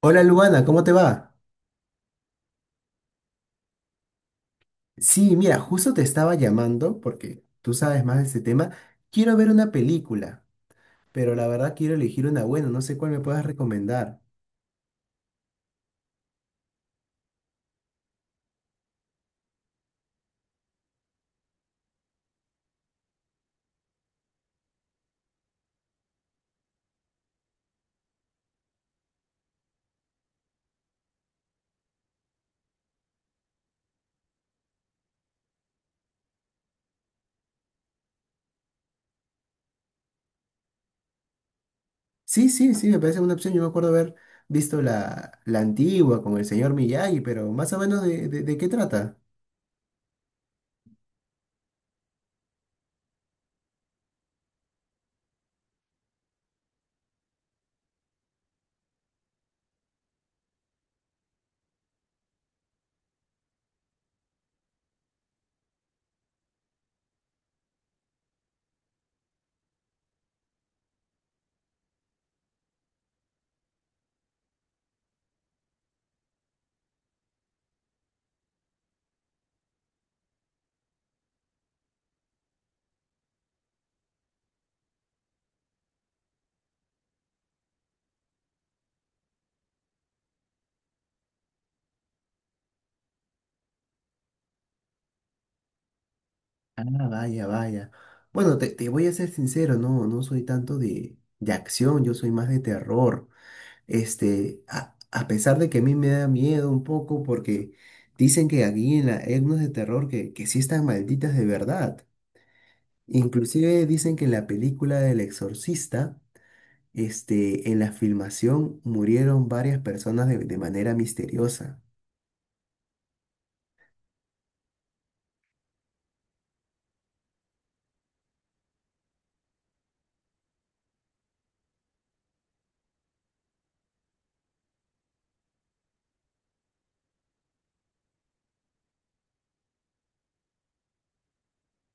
Hola Luana, ¿cómo te va? Sí, mira, justo te estaba llamando porque tú sabes más de este tema. Quiero ver una película, pero la verdad quiero elegir una buena, no sé cuál me puedas recomendar. Sí, sí, sí, me parece una opción. Yo me acuerdo haber visto la antigua con el señor Miyagi, pero más o menos de qué trata. Ah, vaya, vaya. Bueno, te voy a ser sincero, no, no soy tanto de acción, yo soy más de terror. A pesar de que a mí me da miedo un poco porque dicen que aquí en la etnos de terror que sí están malditas de verdad. Inclusive dicen que en la película del Exorcista, en la filmación murieron varias personas de manera misteriosa.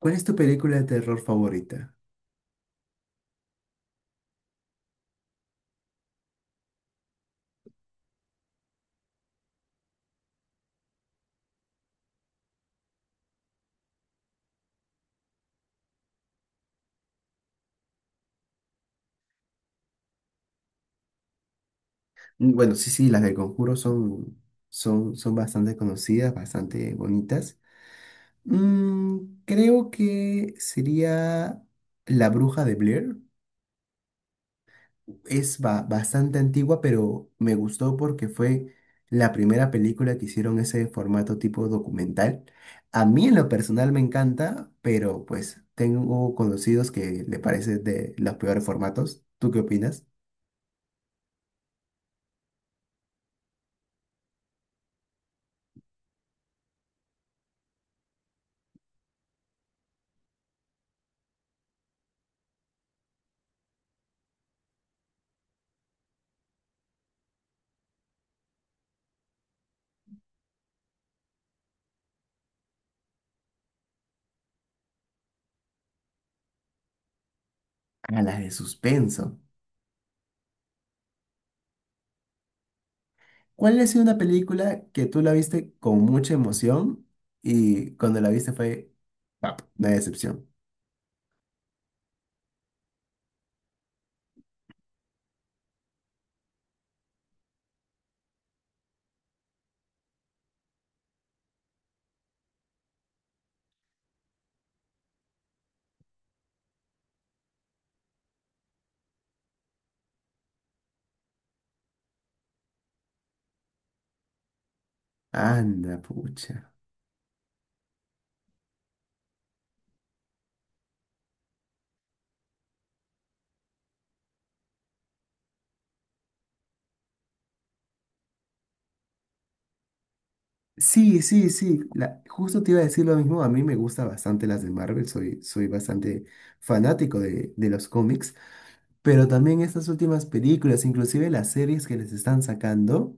¿Cuál es tu película de terror favorita? Bueno, sí, sí, las del Conjuro son bastante conocidas, bastante bonitas. Mm, creo que sería La Bruja de Blair. Es bastante antigua, pero me gustó porque fue la primera película que hicieron ese formato tipo documental. A mí en lo personal me encanta, pero pues tengo conocidos que le parece de los peores formatos. ¿Tú qué opinas? A las de suspenso. ¿Cuál ha sido una película que tú la viste con mucha emoción y cuando la viste fue, pap, una decepción? Anda, pucha. Sí, sí, sí. Justo te iba a decir lo mismo. A mí me gusta bastante las de Marvel. Soy, soy bastante fanático de los cómics. Pero también estas últimas películas, inclusive las series que les están sacando.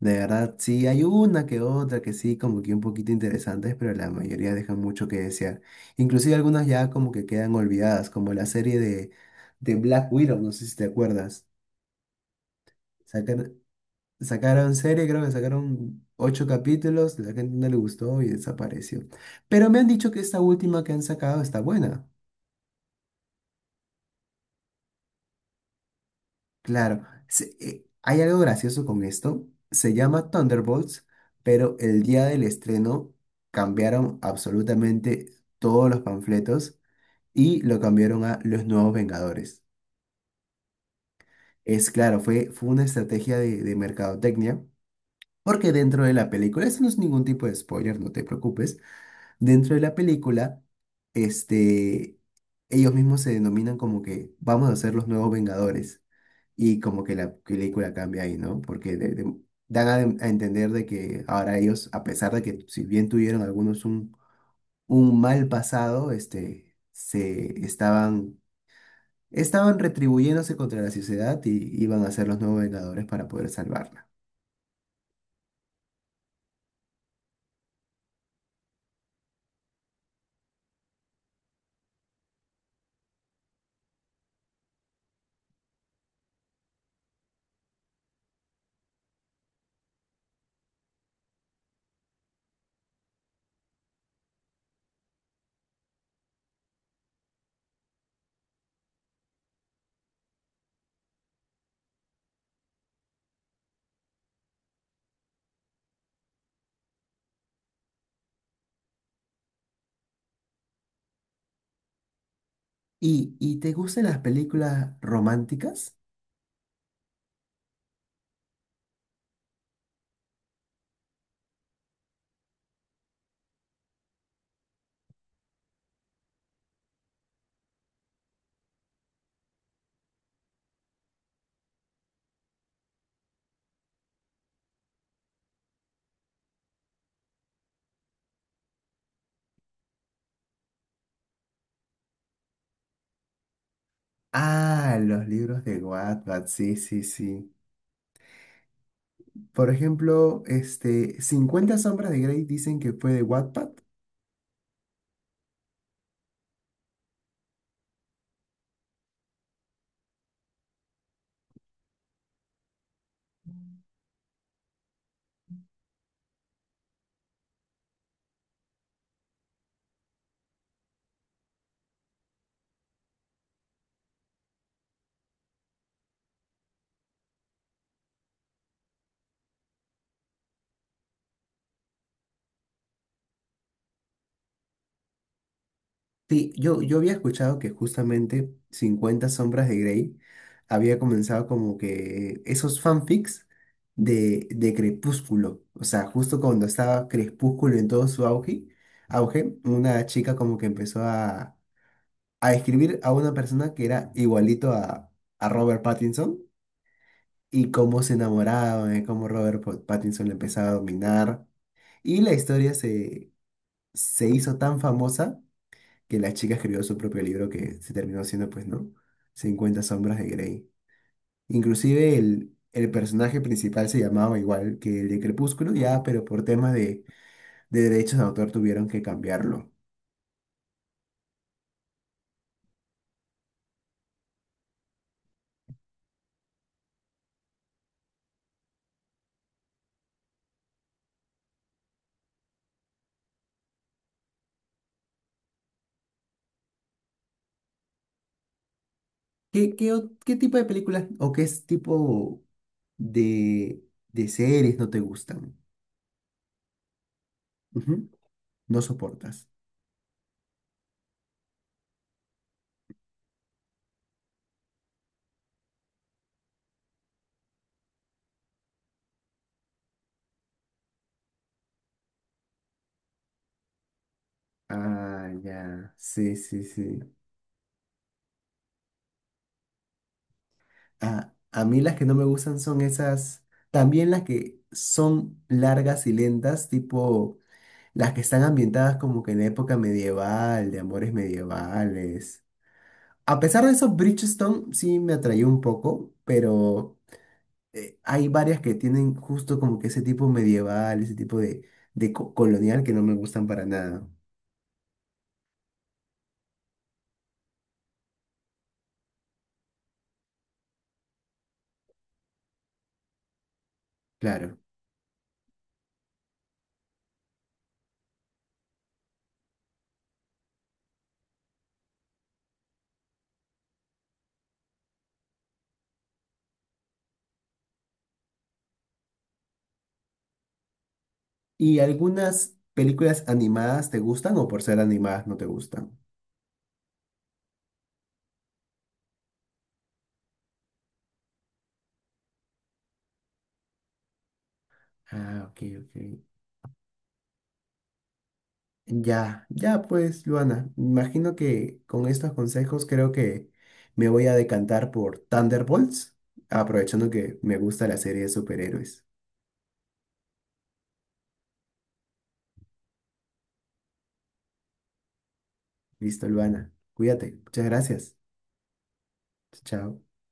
De verdad, sí, hay una que otra que sí, como que un poquito interesantes, pero la mayoría dejan mucho que desear. Inclusive algunas ya como que quedan olvidadas, como la serie de Black Widow, no sé si te acuerdas. Sacaron serie, creo que sacaron ocho capítulos, la gente no le gustó y desapareció. Pero me han dicho que esta última que han sacado está buena. Claro, hay algo gracioso con esto. Se llama Thunderbolts, pero el día del estreno cambiaron absolutamente todos los panfletos y lo cambiaron a Los Nuevos Vengadores. Es claro, fue una estrategia de mercadotecnia, porque dentro de la película, eso no es ningún tipo de spoiler, no te preocupes. Dentro de la película, este, ellos mismos se denominan como que vamos a ser los nuevos Vengadores. Y como que la película cambia ahí, ¿no? Porque dan a entender de que ahora ellos, a pesar de que si bien tuvieron algunos un mal pasado, se estaban retribuyéndose contra la sociedad y iban a ser los nuevos Vengadores para poder salvarla. Y te gustan las películas románticas? Ah, los libros de Wattpad, sí, sí, sí. Por ejemplo, cincuenta sombras de Grey dicen que fue de Wattpad. Sí, yo había escuchado que justamente cincuenta sombras de Grey había comenzado como que esos fanfics de Crepúsculo. O sea, justo cuando estaba Crepúsculo en todo su auge, una chica como que empezó a escribir a una persona que era igualito a Robert Pattinson y cómo se enamoraba, de cómo Robert Pattinson le empezaba a dominar. Y la historia se hizo tan famosa que la chica escribió su propio libro que se terminó siendo, pues, ¿no? cincuenta sombras de Grey. Inclusive el personaje principal se llamaba igual que el de Crepúsculo, ya, pero por temas de derechos de autor tuvieron que cambiarlo. ¿Qué, qué tipo de películas o qué es tipo de, de series no te gustan? Ujú. No soportas. Ah, ya. Sí, sí, sí. A mí las que no me gustan son esas, también las que son largas y lentas, tipo las que están ambientadas como que en la época medieval, de amores medievales. A pesar de eso, Bridgestone sí me atrayó un poco, pero hay varias que tienen justo como que ese tipo medieval, ese tipo de colonial que no me gustan para nada, claro. ¿Y algunas películas animadas te gustan o por ser animadas no te gustan? Ah, ok, ok. Ya, ya pues, Luana, imagino que con estos consejos creo que me voy a decantar por Thunderbolts, aprovechando que me gusta la serie de superhéroes. Listo, Luana, cuídate, muchas gracias. Chao.